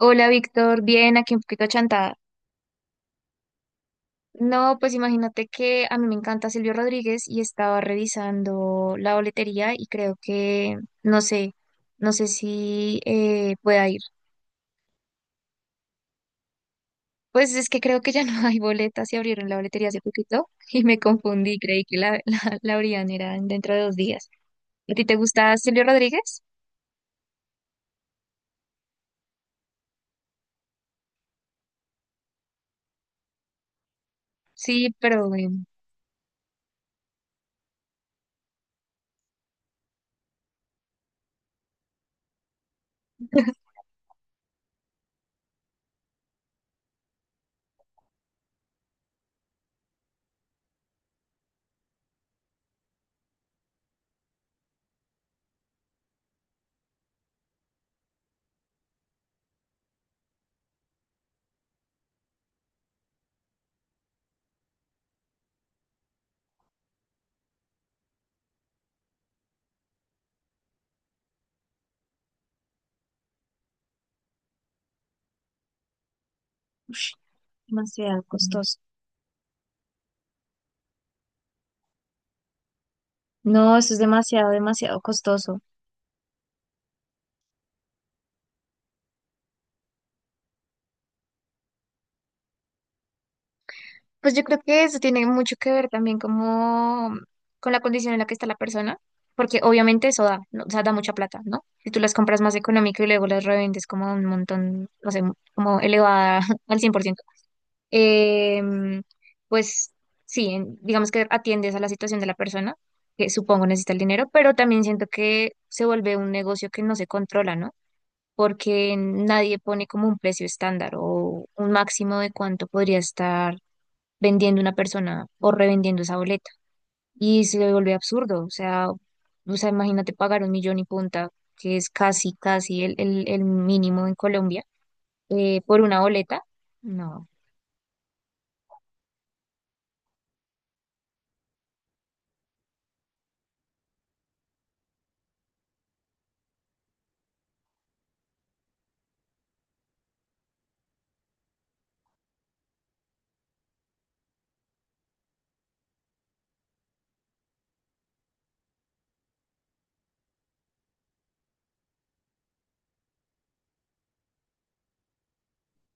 Hola Víctor, bien, aquí un poquito achantada. No, pues imagínate que a mí me encanta Silvio Rodríguez y estaba revisando la boletería y creo que, no sé, no sé si pueda ir. Pues es que creo que ya no hay boletas y abrieron la boletería hace poquito y me confundí, creí que la abrían era dentro de dos días. ¿A ti te gusta Silvio Rodríguez? Sí, pero demasiado costoso. No, eso es demasiado, demasiado costoso. Pues yo creo que eso tiene mucho que ver también como con la condición en la que está la persona, porque obviamente eso da, ¿no? O sea, da mucha plata, ¿no? Si tú las compras más económico y luego las revendes como a un montón, no sé, como elevada al 100%, em, pues sí, digamos que atiendes a la situación de la persona, que supongo necesita el dinero, pero también siento que se vuelve un negocio que no se controla, ¿no? Porque nadie pone como un precio estándar o un máximo de cuánto podría estar vendiendo una persona o revendiendo esa boleta. Y se vuelve absurdo, o sea, imagínate pagar un millón y punta, que es casi, casi el mínimo en Colombia, por una boleta. No.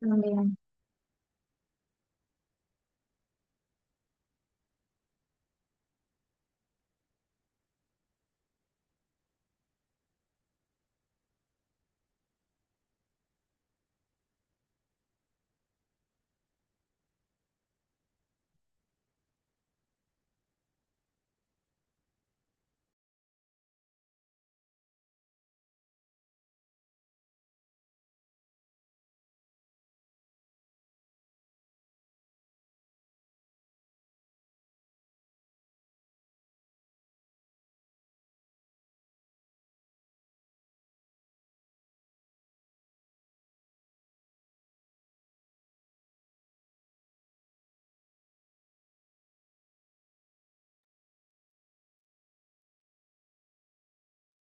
También.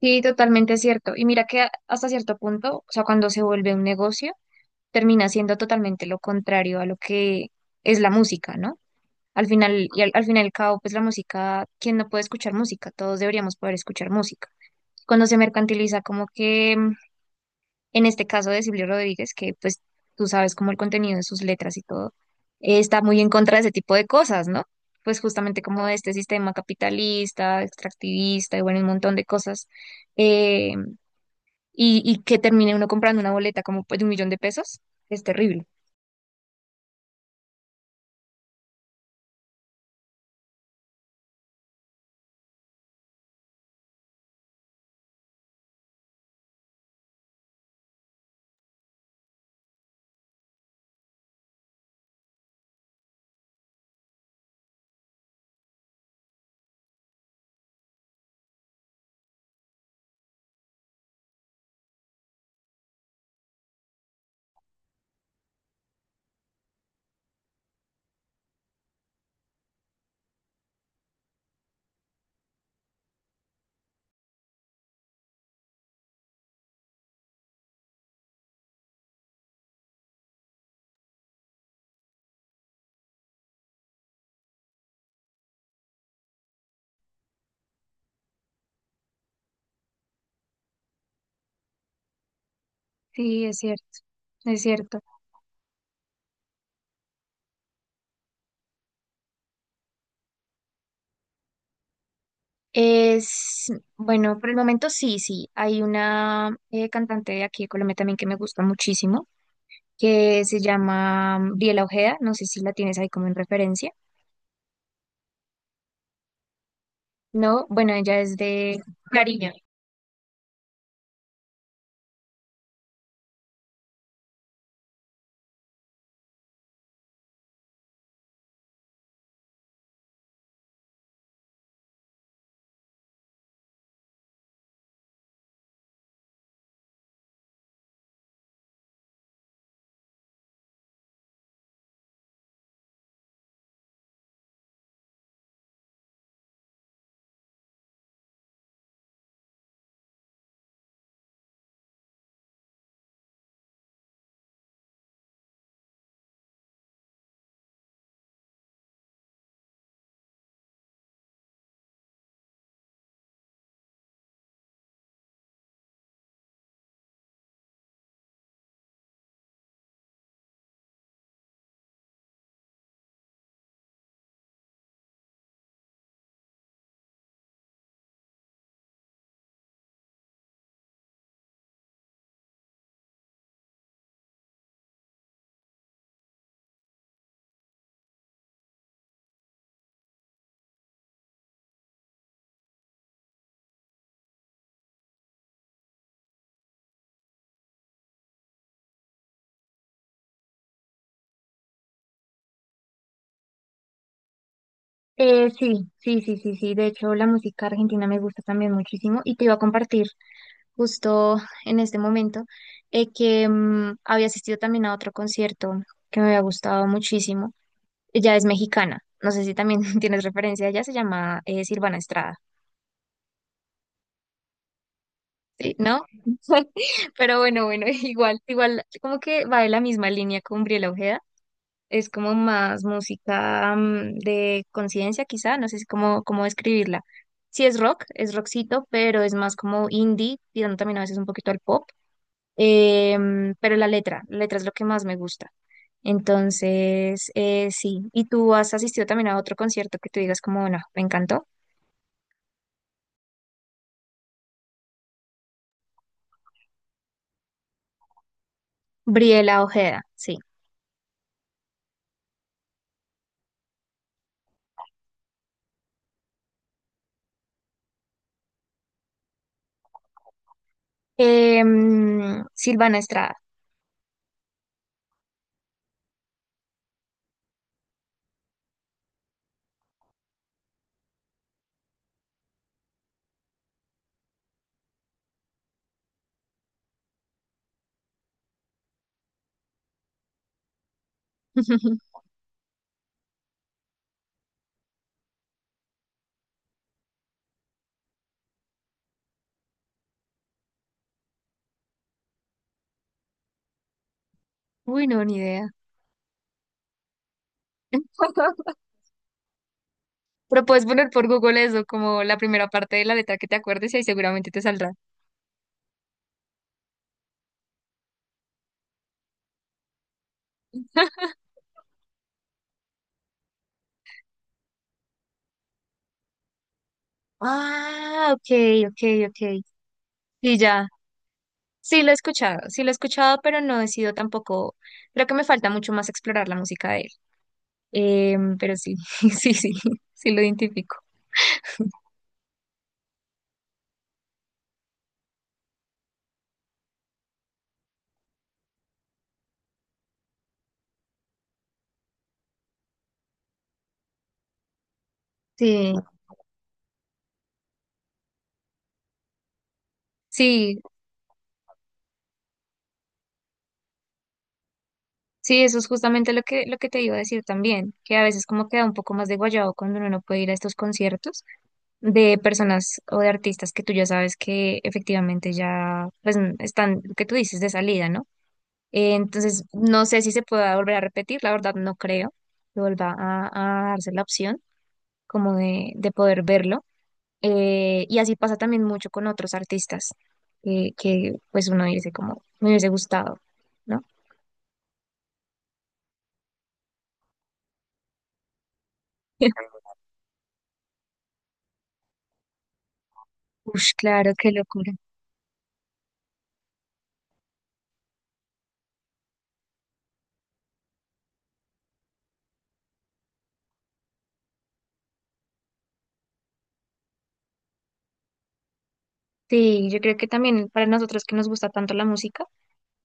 Sí, totalmente cierto. Y mira que hasta cierto punto, o sea, cuando se vuelve un negocio, termina siendo totalmente lo contrario a lo que es la música, ¿no? Al final, y al final y al cabo, pues la música, ¿quién no puede escuchar música? Todos deberíamos poder escuchar música. Cuando se mercantiliza, como que en este caso de Silvio Rodríguez, que pues tú sabes como el contenido de sus letras y todo, está muy en contra de ese tipo de cosas, ¿no? Pues justamente como de este sistema capitalista, extractivista y bueno, un montón de cosas. eh, y, y que termine uno comprando una boleta como pues, de un millón de pesos, es terrible. Sí, es cierto, es cierto. Es, bueno, por el momento sí, sí. Hay una cantante de aquí de Colombia también que me gusta muchísimo que se llama Briela Ojeda, no sé si la tienes ahí como en referencia. No, bueno, ella es de Cariño. Sí, sí, sí, sí, sí. De hecho, la música argentina me gusta también muchísimo y te iba a compartir justo en este momento que había asistido también a otro concierto que me había gustado muchísimo. Ella es mexicana, no sé si también tienes referencia, ella se llama Silvana Estrada, ¿sí? ¿No? Pero bueno, bueno, igual, igual, como que va de la misma línea con Briela Ojeda. Es como más música de conciencia, quizá, no sé si cómo, cómo describirla. Sí es rock, es rockcito, pero es más como indie, tirando también a veces un poquito al pop. Pero la letra es lo que más me gusta. Entonces, sí. ¿Y tú has asistido también a otro concierto que tú digas como, bueno, me encantó? Briela Ojeda, sí. Silvana Estrada. Uy, no, ni idea. Pero puedes poner por Google eso, como la primera parte de la letra que te acuerdes y ahí seguramente te saldrá. Ah, ok, ok, ok. Y ya. Sí lo he escuchado, sí lo he escuchado, pero no he sido tampoco. Creo que me falta mucho más explorar la música de él. Pero sí, sí, sí, sí lo identifico. Sí, sí, sí, eso es justamente lo que te iba a decir también, que a veces como queda un poco más de guayabo cuando uno no puede ir a estos conciertos. De personas o de artistas que tú ya sabes que efectivamente ya pues están, lo que tú dices, de salida, ¿no? Entonces, no sé si se pueda volver a repetir, la verdad no creo que vuelva a darse la opción como de poder verlo. Y así pasa también mucho con otros artistas que pues uno dice como, me hubiese gustado, ¿no? Ush, claro, qué locura. Sí, yo creo que también para nosotros que nos gusta tanto la música,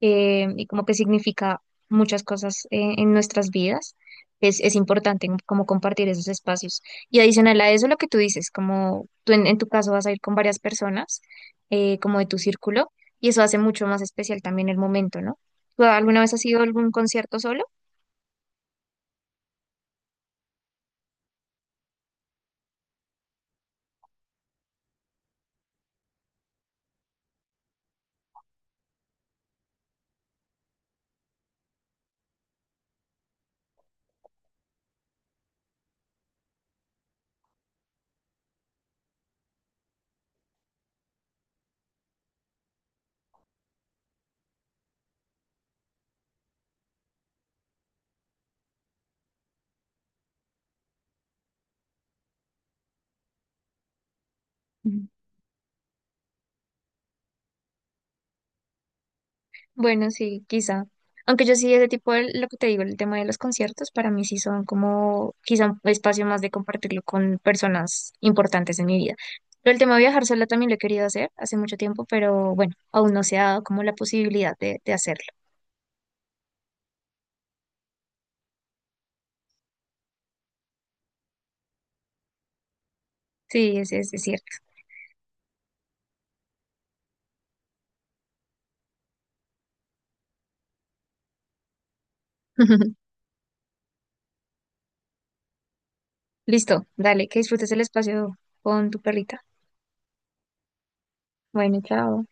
y como que significa muchas cosas en nuestras vidas. Es importante como compartir esos espacios. Y adicional a eso, lo que tú dices, como tú en tu caso vas a ir con varias personas, como de tu círculo, y eso hace mucho más especial también el momento, ¿no? ¿Tú alguna vez has ido a algún concierto solo? Bueno, sí, quizá. Aunque yo sí, ese tipo de lo que te digo, el tema de los conciertos, para mí sí son como quizá un espacio más de compartirlo con personas importantes en mi vida. Pero el tema de viajar sola también lo he querido hacer hace mucho tiempo, pero bueno, aún no se ha dado como la posibilidad de hacerlo. Sí, es cierto. Listo, dale, que disfrutes el espacio con tu perrita. Bueno, chao.